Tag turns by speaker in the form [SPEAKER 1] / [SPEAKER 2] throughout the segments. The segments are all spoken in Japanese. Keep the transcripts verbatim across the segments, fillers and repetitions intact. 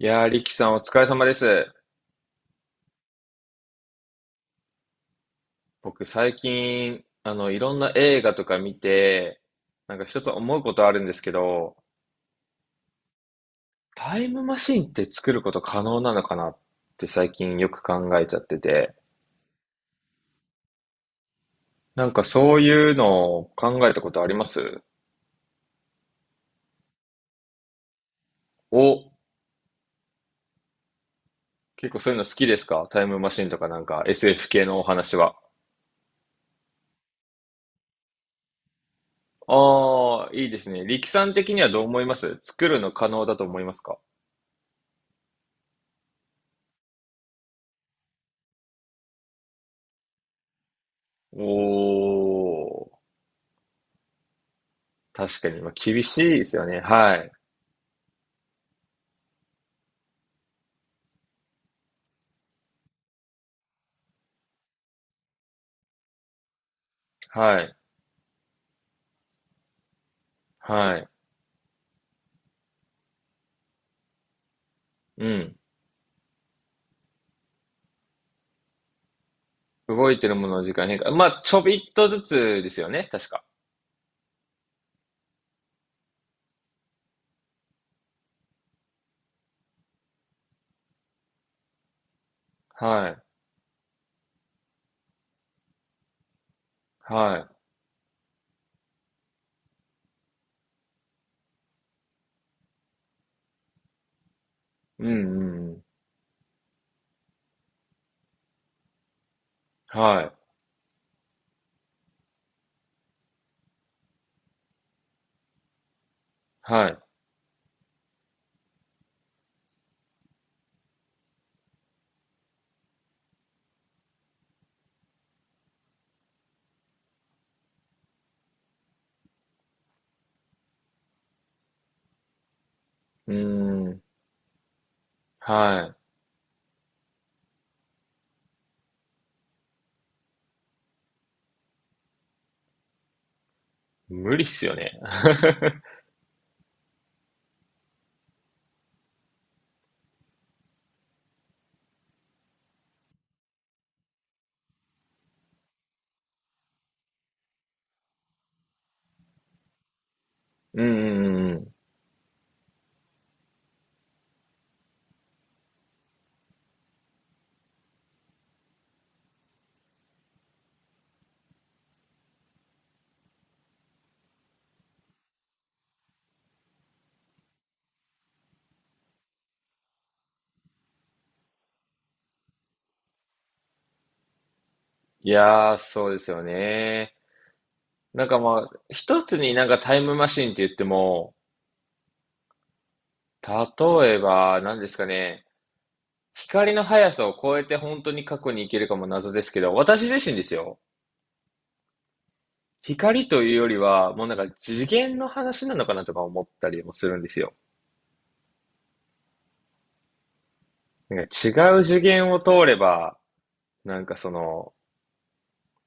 [SPEAKER 1] いやー、リキさんお疲れ様です。僕最近、あの、いろんな映画とか見て、なんか一つ思うことあるんですけど、タイムマシンって作ること可能なのかなって最近よく考えちゃってて、なんかそういうのを考えたことあります？お、結構そういうの好きですか？タイムマシンとかなんか エスエフ 系のお話は。ああ、いいですね。力さん的にはどう思います？作るの可能だと思いますか？おー、確かに、まあ、厳しいですよね。はい。はい。はい。うん。動いてるものの時間変化。まあ、ちょびっとずつですよね、確か。はい。はい。うんうんうん。はい。はい。うーん。はい。無理っすよね。うんうんうんうん。いやー、そうですよね。なんかまあ、一つになんかタイムマシンって言っても、例えば、何ですかね、光の速さを超えて本当に過去に行けるかも謎ですけど、私自身ですよ。光というよりは、もうなんか次元の話なのかなとか思ったりもするんですよ。なんか違う次元を通れば、なんかその、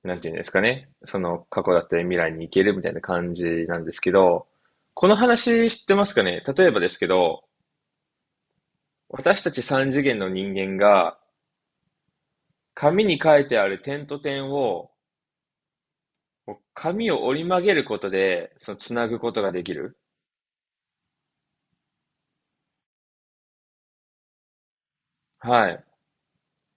[SPEAKER 1] なんていうんですかね。その過去だったり未来に行けるみたいな感じなんですけど、この話知ってますかね？例えばですけど、私たち三次元の人間が、紙に書いてある点と点を、紙を折り曲げることで、その、つなぐことができる。はい。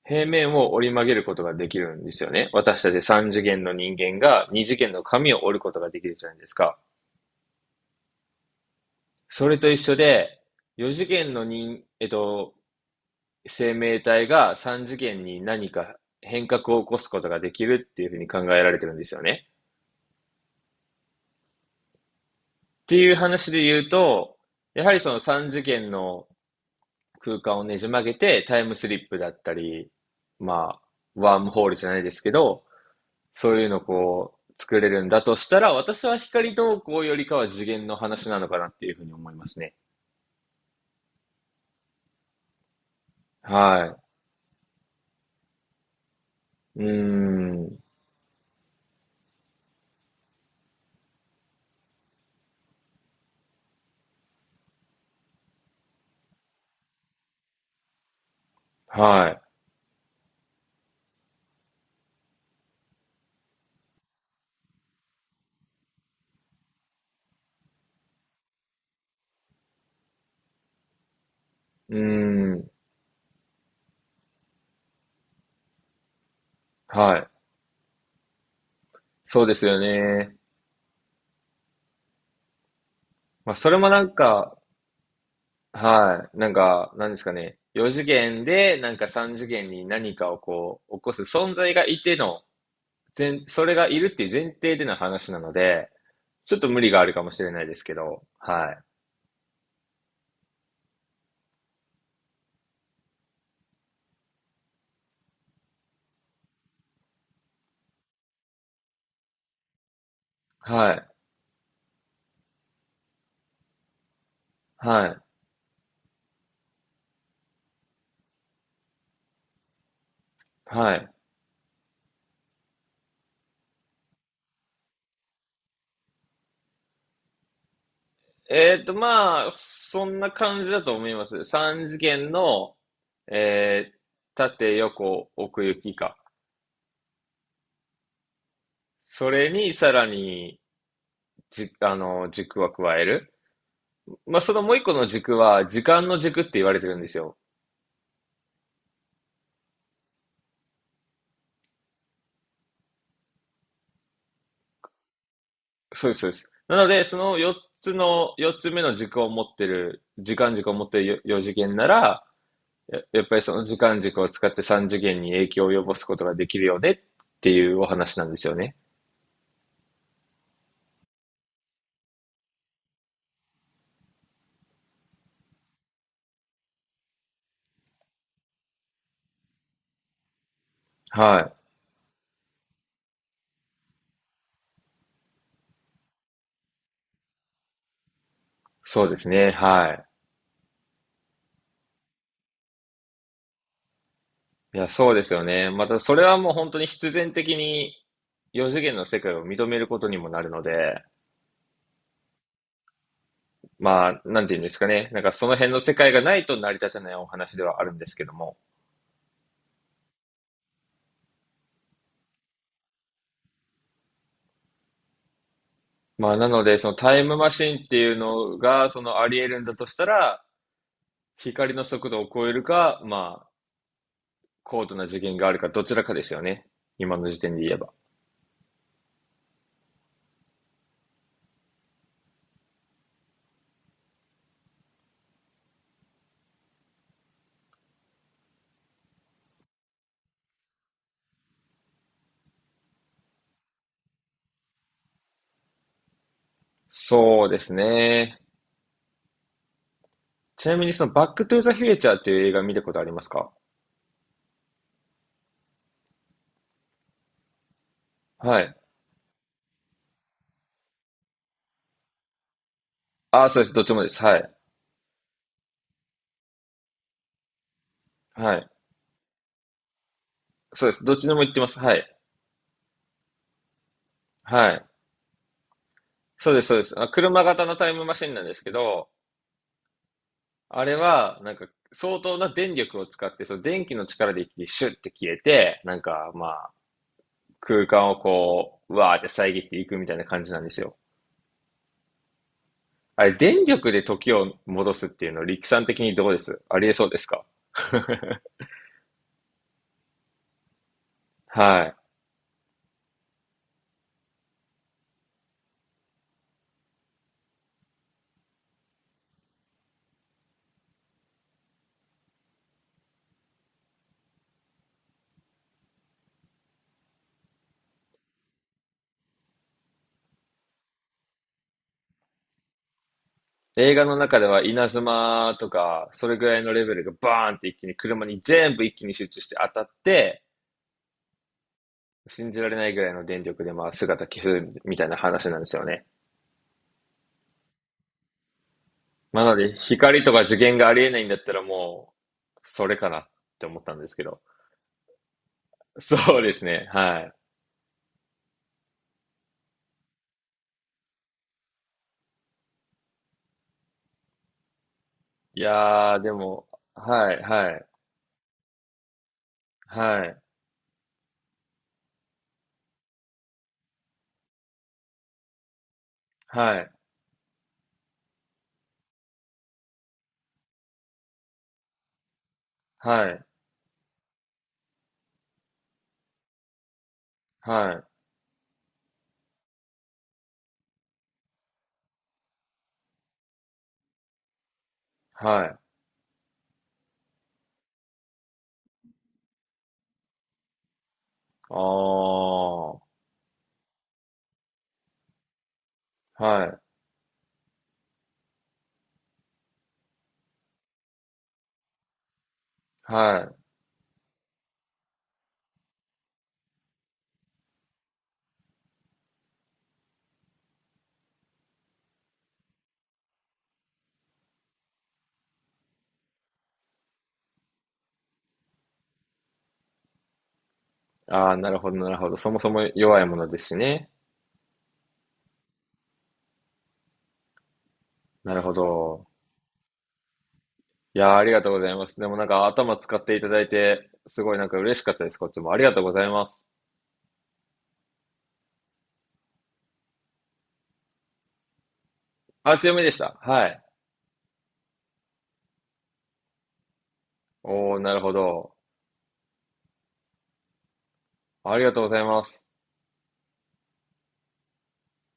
[SPEAKER 1] 平面を折り曲げることができるんですよね。私たち三次元の人間が二次元の紙を折ることができるじゃないですか。それと一緒で、四次元の人、えっと、生命体が三次元に何か変革を起こすことができるっていうふうに考えられてるんですよね。っていう話で言うと、やはりその三次元の空間をねじ曲げてタイムスリップだったり、まあ、ワームホールじゃないですけど、そういうのをこう、作れるんだとしたら、私は光投稿よりかは次元の話なのかなっていうふうに思いますね。はい。うーん。はい。うーん。はい。そうですよね。まあ、それもなんか、はい。なんか、なんですかね。よ次元で、なんかさん次元に何かをこう、起こす存在がいての、前それがいるっていう前提での話なので、ちょっと無理があるかもしれないですけど、はい。はい。はい。はい。えっと、まあ、そんな感じだと思います。さん次元の、えー縦横奥行きか。それにさらに、じ、あの、軸は加える。まあ、そのもう一個の軸は、時間の軸って言われてるんですよ。そうです、そうです。なので、そのよっつの、よっつめの軸を持ってる、時間軸を持ってるよ次元なら、ややっぱりその時間軸を使ってさん次元に影響を及ぼすことができるよねっていうお話なんですよね。はい。そうですね。はい。いや、そうですよね。また、それはもう本当に必然的に、四次元の世界を認めることにもなるので、まあ、なんていうんですかね。なんかその辺の世界がないと成り立たないお話ではあるんですけども。まあ、なので、そのタイムマシンっていうのが、そのあり得るんだとしたら、光の速度を超えるか、まあ、高度な次元があるか、どちらかですよね。今の時点で言えば。そうですね。ちなみにそのバックトゥーザフューチャーっていう映画見たことありますか？はい。ああ、そうです。どっちもです。はい。はい。そうです。どっちでも行ってます。はい。はい。そうです、そうです。あ、車型のタイムマシンなんですけど、あれは、なんか、相当な電力を使って、その電気の力で一気にシュッて消えて、なんか、まあ、空間をこう、うわーって遮っていくみたいな感じなんですよ。あれ、電力で時を戻すっていうの、力算的にどうです？ありえそうですか？ はい。映画の中では稲妻とか、それぐらいのレベルがバーンって一気に車に全部一気に集中して当たって、信じられないぐらいの電力でまあ姿消すみたいな話なんですよね。まあなので、光とか受験がありえないんだったらもう、それかなって思ったんですけど。そうですね。はい。いやー、でも、はい、はい、はい、はい、はい、はい、はい。あー、はい、はい。あー、なるほど、なるほど。そもそも弱いものですしね。なるほど。いやー、ありがとうございます。でもなんか頭使っていただいて、すごいなんか嬉しかったです。こっちも。ありがとうございます。あ、強めでした。はい。おー、なるほど。ありがとうございます。